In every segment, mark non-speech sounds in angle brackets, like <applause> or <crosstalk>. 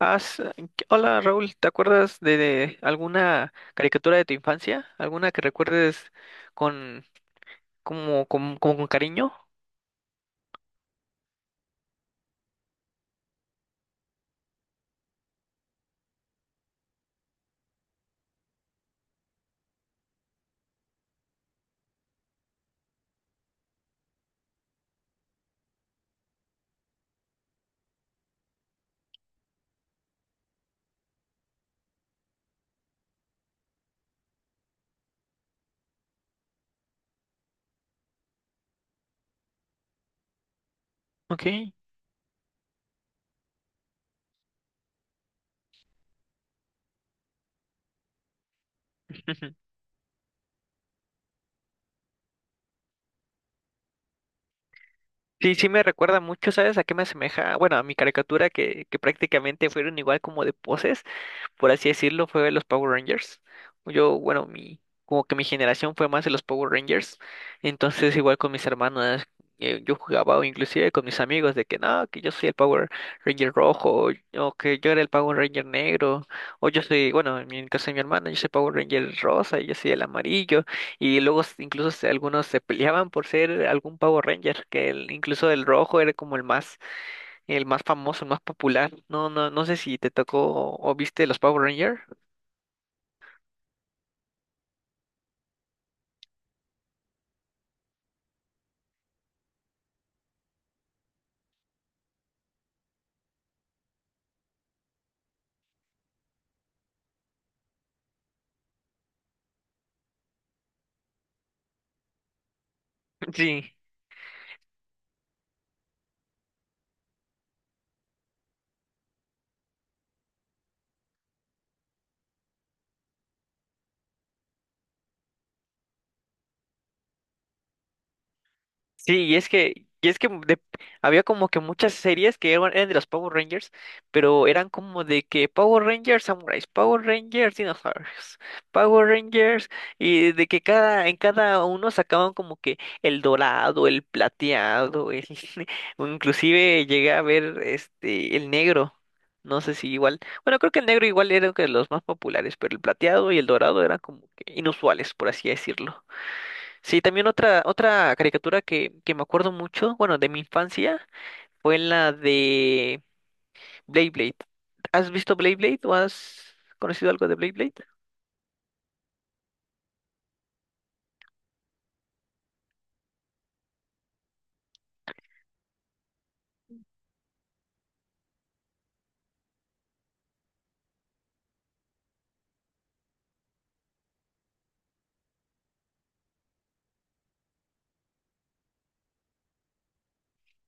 Has- Hola Raúl, ¿te acuerdas de alguna caricatura de tu infancia? ¿Alguna que recuerdes con como, como con cariño? Ok. <laughs> Ujú. Sí, sí me recuerda mucho, ¿sabes? ¿A qué me asemeja? Bueno, a mi caricatura que prácticamente fueron igual como de poses, por así decirlo, fue los Power Rangers. Yo, bueno, como que mi generación fue más de los Power Rangers. Entonces, igual con mis hermanas, yo jugaba o inclusive con mis amigos de que no, que yo soy el Power Ranger rojo, o que yo era el Power Ranger negro, o yo soy, bueno, en el caso de mi hermana, yo soy Power Ranger rosa y yo soy el amarillo. Y luego incluso algunos se peleaban por ser algún Power Ranger, que incluso el rojo era como el más famoso, el más popular. No, no, no sé si te tocó o viste los Power Rangers. <laughs> Sí. Sí, y es que, había como que muchas series que eran de los Power Rangers, pero eran como de que Power Rangers Samurais, Power Rangers Dinosaurios, Power Rangers, y de que cada, en cada uno sacaban como que el dorado, el plateado, el, <laughs> o inclusive llegué a ver este el negro. No sé si igual, bueno, creo que el negro igual era uno de los más populares, pero el plateado y el dorado eran como que inusuales, por así decirlo. Sí, también otra caricatura que me acuerdo mucho, bueno, de mi infancia, fue la de Blade Blade. ¿Has visto Blade Blade o has conocido algo de Blade Blade?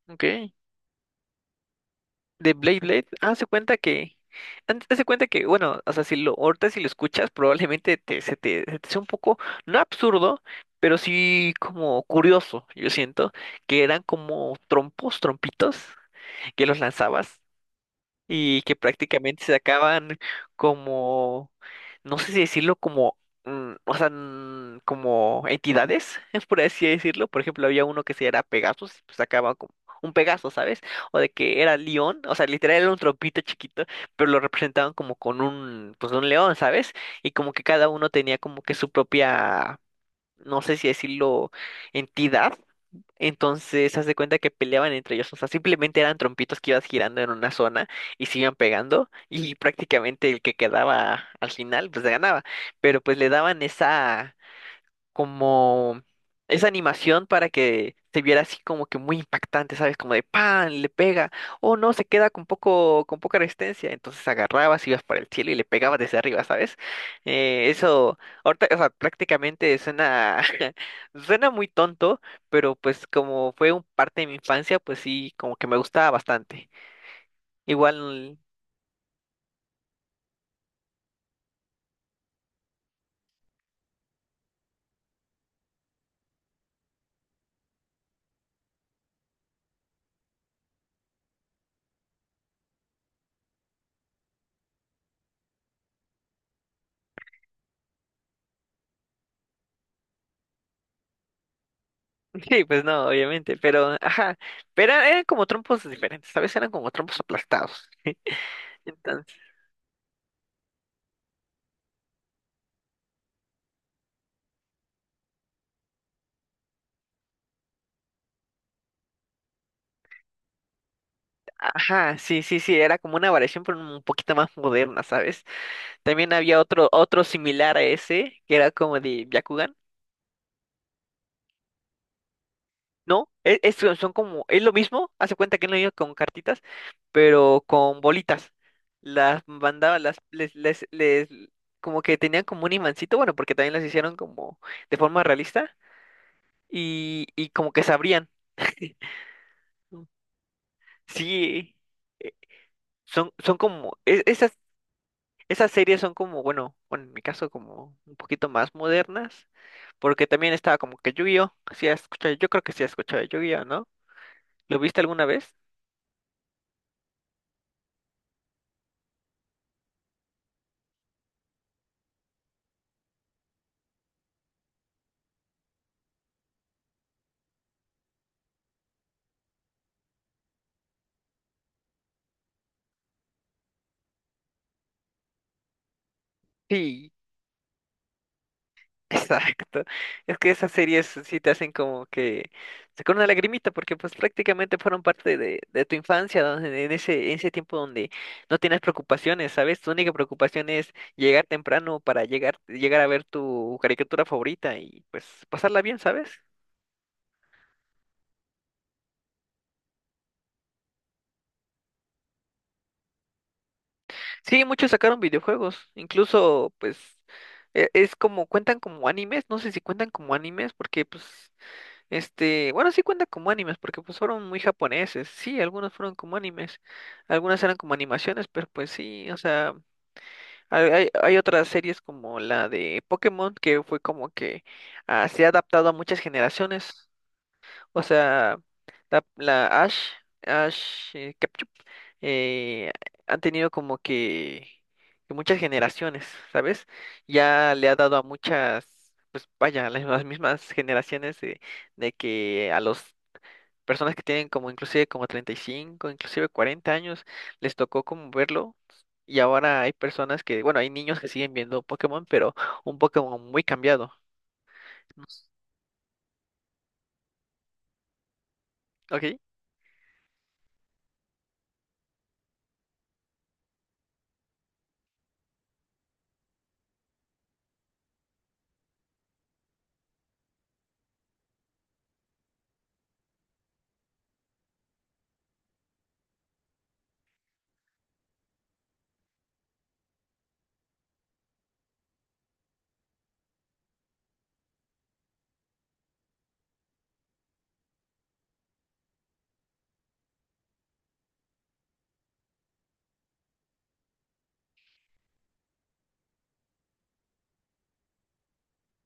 Okay. De Blade Blade, bueno, o sea, si lo, ahorita si lo escuchas, probablemente se te sea un poco, no absurdo, pero sí como curioso, yo siento, que eran como trompos, trompitos, que los lanzabas y que prácticamente se acaban como, no sé si decirlo como, o sea, como entidades, <laughs> por así decirlo. Por ejemplo, había uno que se era Pegasus, pues acaba como un Pegaso, ¿sabes? O de que era león, o sea, literal era un trompito chiquito, pero lo representaban como con un, pues un león, ¿sabes? Y como que cada uno tenía como que su propia, no sé si decirlo, entidad. Entonces, haz de cuenta que peleaban entre ellos. O sea, simplemente eran trompitos que ibas girando en una zona y se iban pegando. Y prácticamente el que quedaba al final, pues ganaba. Pero pues le daban esa como esa animación para que se viera así como que muy impactante, ¿sabes? Como de pan, le pega, o no, se queda con poco, con poca resistencia, entonces agarrabas, ibas para el cielo y le pegabas desde arriba, ¿sabes? Eso, ahorita, o sea, prácticamente suena, <laughs> suena muy tonto, pero pues como fue un parte de mi infancia, pues sí, como que me gustaba bastante. Igual, <laughs> sí, pues no, obviamente, pero, ajá, pero eran como trompos diferentes, ¿sabes? Eran como trompos aplastados. Entonces. Ajá, sí, sí, sí, era como una variación, pero un poquito más moderna, ¿sabes? También había otro similar a ese, que era como de Byakugan. No, es, son como, es lo mismo, hace cuenta que no iba con cartitas, pero con bolitas. Las mandaba, las, les, como que tenían como un imancito, bueno, porque también las hicieron como de forma realista, y como que se abrían. <laughs> Sí, eh, son, son como, Esas series son como, bueno, bueno, en mi caso como un poquito más modernas, porque también estaba como que Yu-Gi-Oh! Sí, yo creo que sí has escuchado de Yu-Gi-Oh!, ¿no? ¿Lo viste alguna vez? Sí, <laughs> exacto. Es que esas series sí te hacen como que sacar una lagrimita, porque pues prácticamente fueron parte de, tu infancia, donde- en ese tiempo donde no tienes preocupaciones, ¿sabes? Tu única preocupación es llegar temprano para llegar a ver tu caricatura favorita y pues pasarla bien, ¿sabes? Sí, muchos sacaron videojuegos, incluso pues es como cuentan como animes, no sé si cuentan como animes porque pues bueno, sí cuentan como animes porque pues fueron muy japoneses. Sí, algunos fueron como animes, algunas eran como animaciones, pero pues sí, o sea, hay, hay hay otras series como la de Pokémon que fue como que ah, se ha adaptado a muchas generaciones. O sea, la, la Ash, Ash Ketchum, eh, ha tenido como que muchas generaciones, ¿sabes? Ya le ha dado a muchas, pues vaya, las mismas generaciones de que a los personas que tienen como inclusive como 35 inclusive 40 años, les tocó como verlo. Y ahora hay personas que, bueno, hay niños que siguen viendo Pokémon, pero un Pokémon muy cambiado, ¿ok?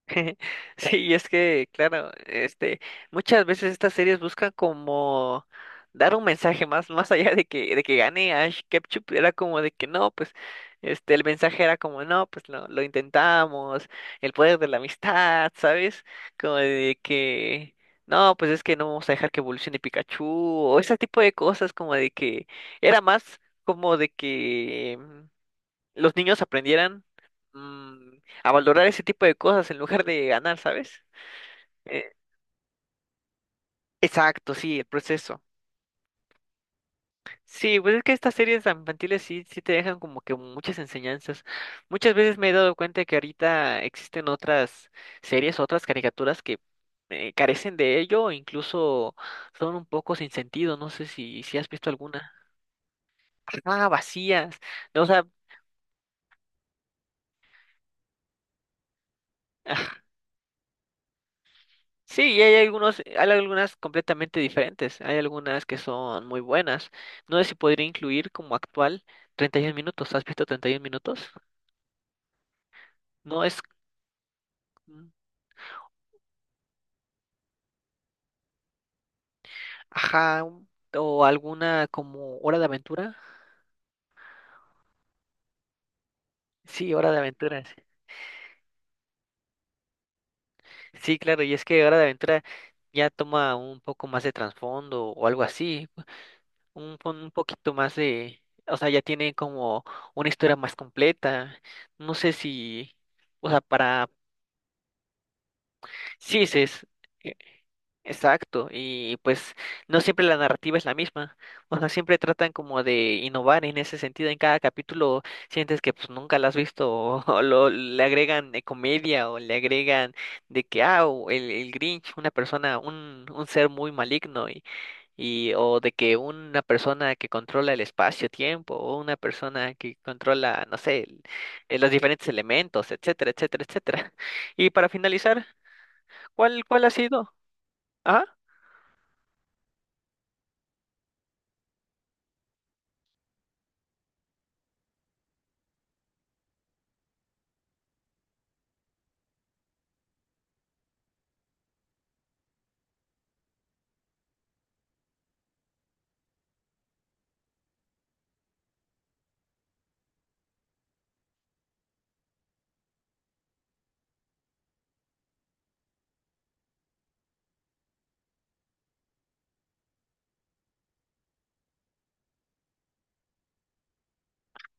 <laughs> Sí, y es que, claro, muchas veces estas series buscan como dar un mensaje más allá de que gane Ash Ketchum, era como de que no, pues, el mensaje era como, no, pues lo intentamos, el poder de la amistad, ¿sabes? Como de que, no, pues es que no vamos a dejar que evolucione Pikachu, o ese tipo de cosas, como de que, era más como de que los niños aprendieran mm, a valorar ese tipo de cosas en lugar de ganar, ¿sabes? Eh, exacto, sí, el proceso. Sí, pues es que estas series tan infantiles sí, sí te dejan como que muchas enseñanzas. Muchas veces me he dado cuenta que ahorita existen otras series, otras caricaturas que carecen de ello o incluso son un poco sin sentido. No sé si has visto alguna. Ah, vacías. No, o sea, <laughs> Sí, y hay algunos, hay algunas completamente diferentes, hay algunas que son muy buenas. No sé si podría incluir como actual 31 minutos, ¿has visto 31 minutos? No es, mm, ajá, o alguna como Hora de Aventura. Sí, Hora de Aventura. Sí, Sí, claro, y es que Hora de Aventura ya toma un poco más de trasfondo o algo así, un, un poquito más de, o sea, ya tiene como una historia más completa. No sé si, o sea, para. Sí, sí es. Exacto, y pues no siempre la narrativa es la misma, o sea, siempre tratan como de innovar en ese sentido, en cada capítulo sientes que pues nunca la has visto, <laughs> o lo, le agregan comedia, o le agregan de que, ah, o el Grinch, una persona, un ser muy maligno, o de que una persona que controla el espacio-tiempo, o una persona que controla, no sé, el- los diferentes elementos, etcétera, etcétera, etcétera. Y para finalizar, ¿cuál ha sido? Ajá.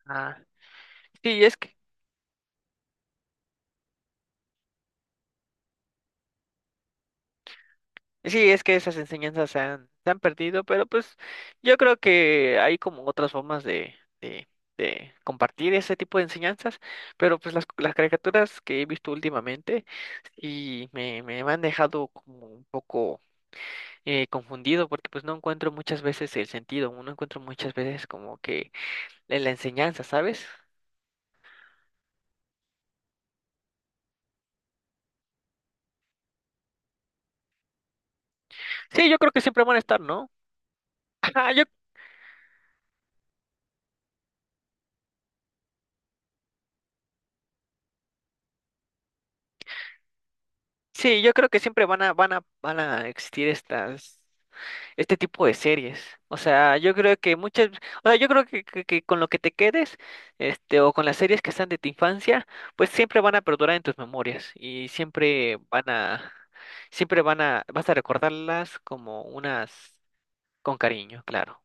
Ah. Sí, es que, sí, es que esas enseñanzas se han perdido, pero pues yo creo que hay como otras formas de, de compartir ese tipo de enseñanzas, pero pues las caricaturas que he visto últimamente y me han dejado como un poco confundido porque pues no encuentro muchas veces el sentido, no encuentro muchas veces como que la enseñanza, ¿sabes? Sí, yo creo que siempre van a estar, ¿no? Ajá, yo, sí, yo creo que siempre van a, existir estas. Este tipo de series. O sea, yo creo que muchas, o sea, yo creo que con lo que te quedes, este, o con las series que están de tu infancia, pues siempre van a perdurar en tus memorias y siempre van a, vas a recordarlas como unas, con cariño, claro.